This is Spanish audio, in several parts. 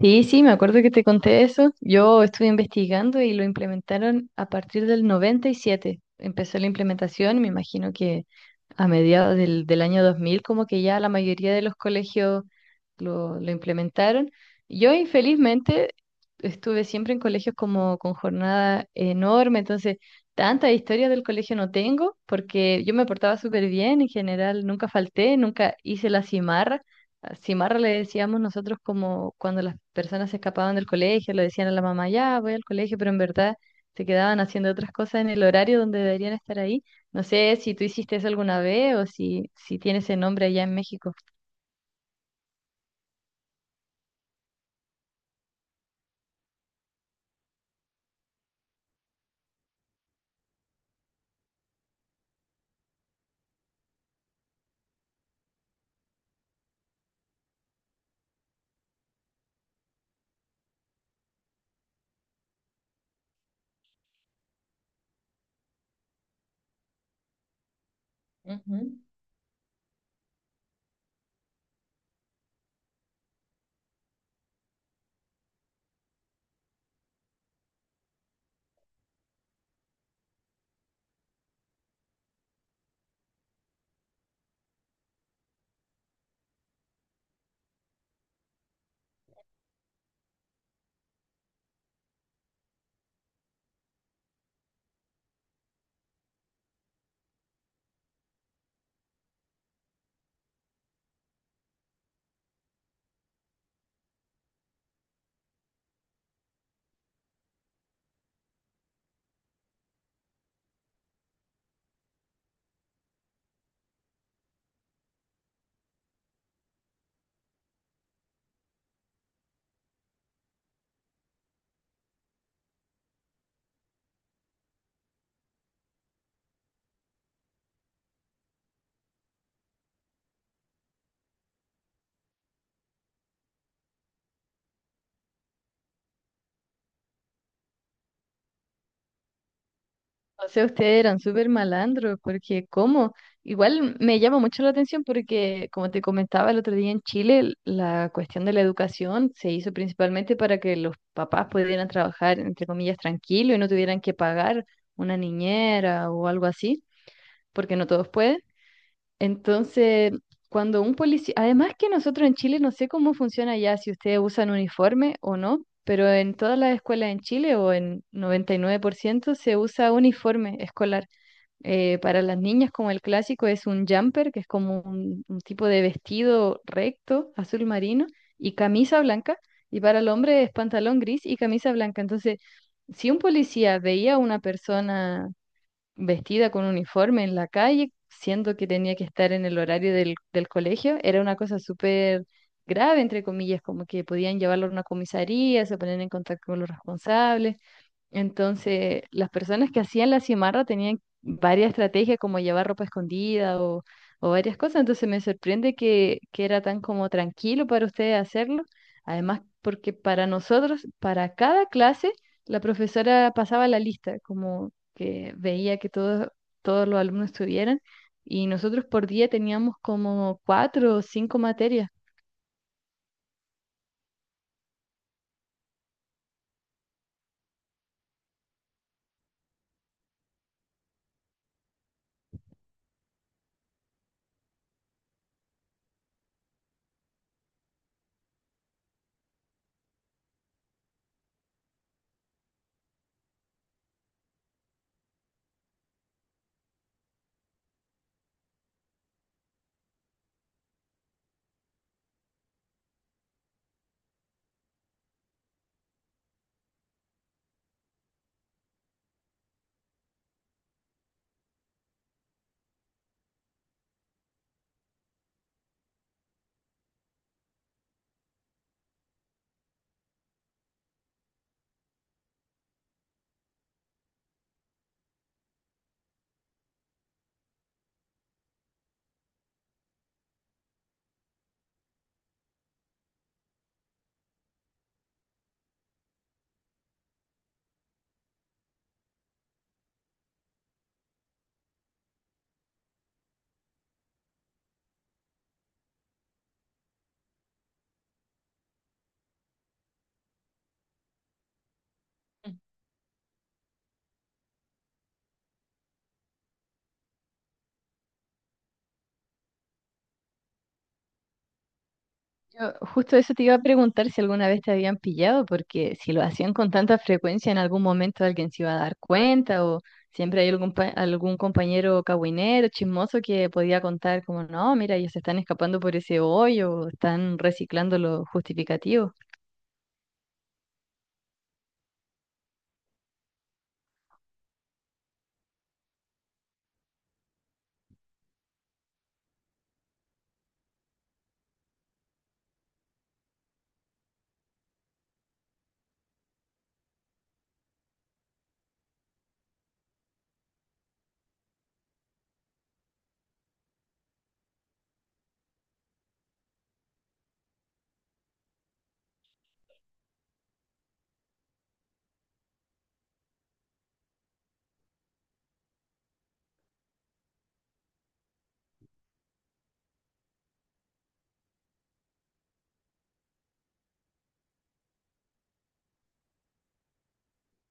Sí, sí, me acuerdo que te conté eso. Yo estuve investigando y lo implementaron a partir del 97. Empezó la implementación, me imagino que a mediados del año 2000, como que ya la mayoría de los colegios lo implementaron. Yo, infelizmente, estuve siempre en colegios como con jornada enorme, entonces tanta historia del colegio no tengo, porque yo me portaba súper bien en general, nunca falté, nunca hice la cimarra. Cimarra le decíamos nosotros como cuando las personas se escapaban del colegio, le decían a la mamá, ya voy al colegio, pero en verdad se quedaban haciendo otras cosas en el horario donde deberían estar ahí. No sé si tú hiciste eso alguna vez o si tiene ese nombre allá en México. Ujú. O sea, ustedes eran súper malandros, porque ¿cómo? Igual me llama mucho la atención porque, como te comentaba el otro día en Chile, la cuestión de la educación se hizo principalmente para que los papás pudieran trabajar, entre comillas, tranquilo y no tuvieran que pagar una niñera o algo así, porque no todos pueden. Entonces, cuando un policía, además que nosotros en Chile, no sé cómo funciona ya, si ustedes usan uniforme o no. Pero en todas las escuelas en Chile o en 99% se usa uniforme escolar. Para las niñas, como el clásico, es un jumper, que es como un tipo de vestido recto, azul marino, y camisa blanca. Y para el hombre es pantalón gris y camisa blanca. Entonces, si un policía veía a una persona vestida con uniforme en la calle, siendo que tenía que estar en el horario del colegio, era una cosa súper grave, entre comillas, como que podían llevarlo a una comisaría, se ponían en contacto con los responsables. Entonces, las personas que hacían la cimarra tenían varias estrategias como llevar ropa escondida o varias cosas. Entonces, me sorprende que era tan como tranquilo para ustedes hacerlo. Además, porque para nosotros, para cada clase, la profesora pasaba la lista, como que veía que todos, todos los alumnos estuvieran. Y nosotros por día teníamos como cuatro o cinco materias. Yo justo eso te iba a preguntar si alguna vez te habían pillado, porque si lo hacían con tanta frecuencia, en algún momento alguien se iba a dar cuenta o siempre hay algún, algún compañero cahuinero, chismoso que podía contar como, no, mira, ellos se están escapando por ese hoyo o están reciclando los justificativos.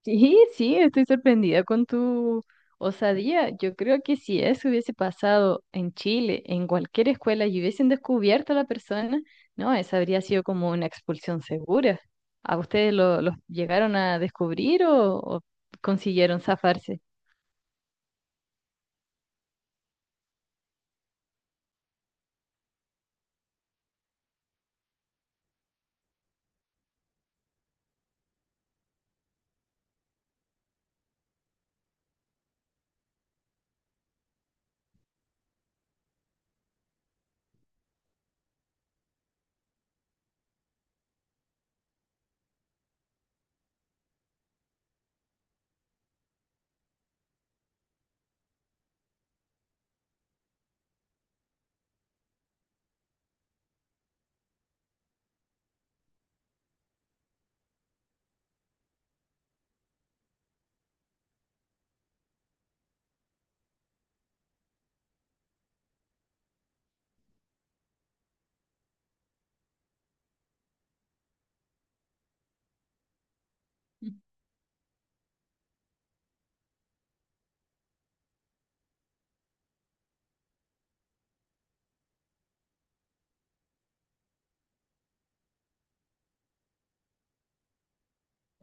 Sí, sí, estoy sorprendida con tu osadía. Yo creo que si eso hubiese pasado en Chile, en cualquier escuela, y hubiesen descubierto a la persona, no, esa habría sido como una expulsión segura. ¿A ustedes lo, los llegaron a descubrir o consiguieron zafarse?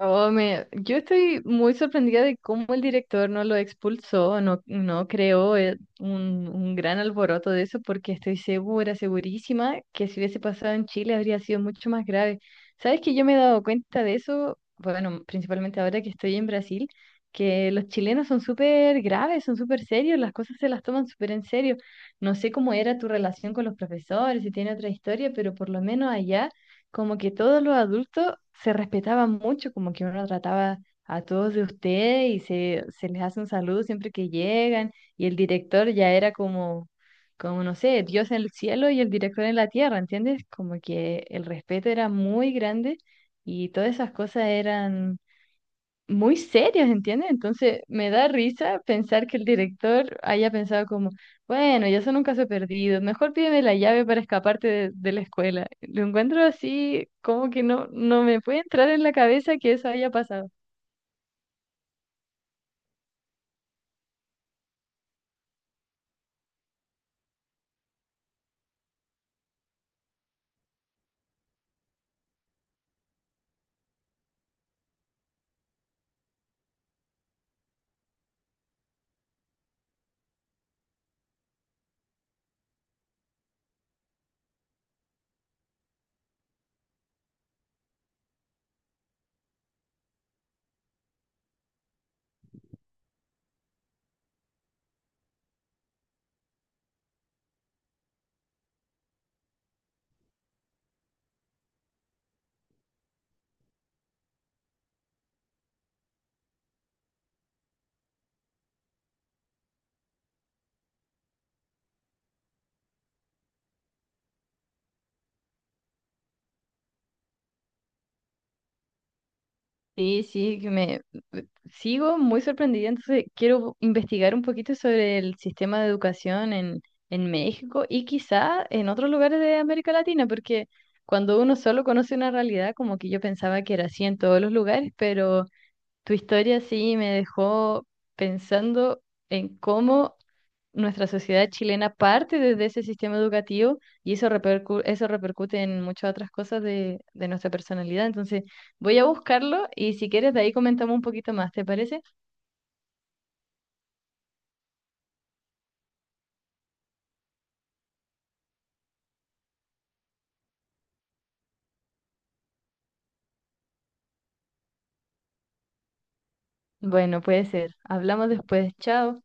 Oh, yo estoy muy sorprendida de cómo el director no lo expulsó, no, no creó un gran alboroto de eso, porque estoy segura, segurísima, que si hubiese pasado en Chile habría sido mucho más grave. ¿Sabes que yo me he dado cuenta de eso? Bueno, principalmente ahora que estoy en Brasil, que los chilenos son súper graves, son súper serios, las cosas se las toman súper en serio. No sé cómo era tu relación con los profesores, si tiene otra historia, pero por lo menos allá como que todos los adultos se respetaban mucho, como que uno trataba a todos de usted y se les hace un saludo siempre que llegan y el director ya era como, como no sé, Dios en el cielo y el director en la tierra, ¿entiendes? Como que el respeto era muy grande y todas esas cosas eran muy serios, ¿entiendes? Entonces me da risa pensar que el director haya pensado como, bueno, ya son un caso perdido, mejor pídeme la llave para escaparte de la escuela. Lo encuentro así, como que no, no me puede entrar en la cabeza que eso haya pasado. Sí, sí, que me eh, sigo muy sorprendida, entonces quiero investigar un poquito sobre el sistema de educación en México y quizá en otros lugares de América Latina, porque cuando uno solo conoce una realidad, como que yo pensaba que era así en todos los lugares, pero tu historia sí me dejó pensando en cómo nuestra sociedad chilena parte desde ese sistema educativo y eso eso repercute en muchas otras cosas de nuestra personalidad. Entonces, voy a buscarlo y si quieres de ahí comentamos un poquito más, ¿te parece? Bueno, puede ser. Hablamos después. Chao.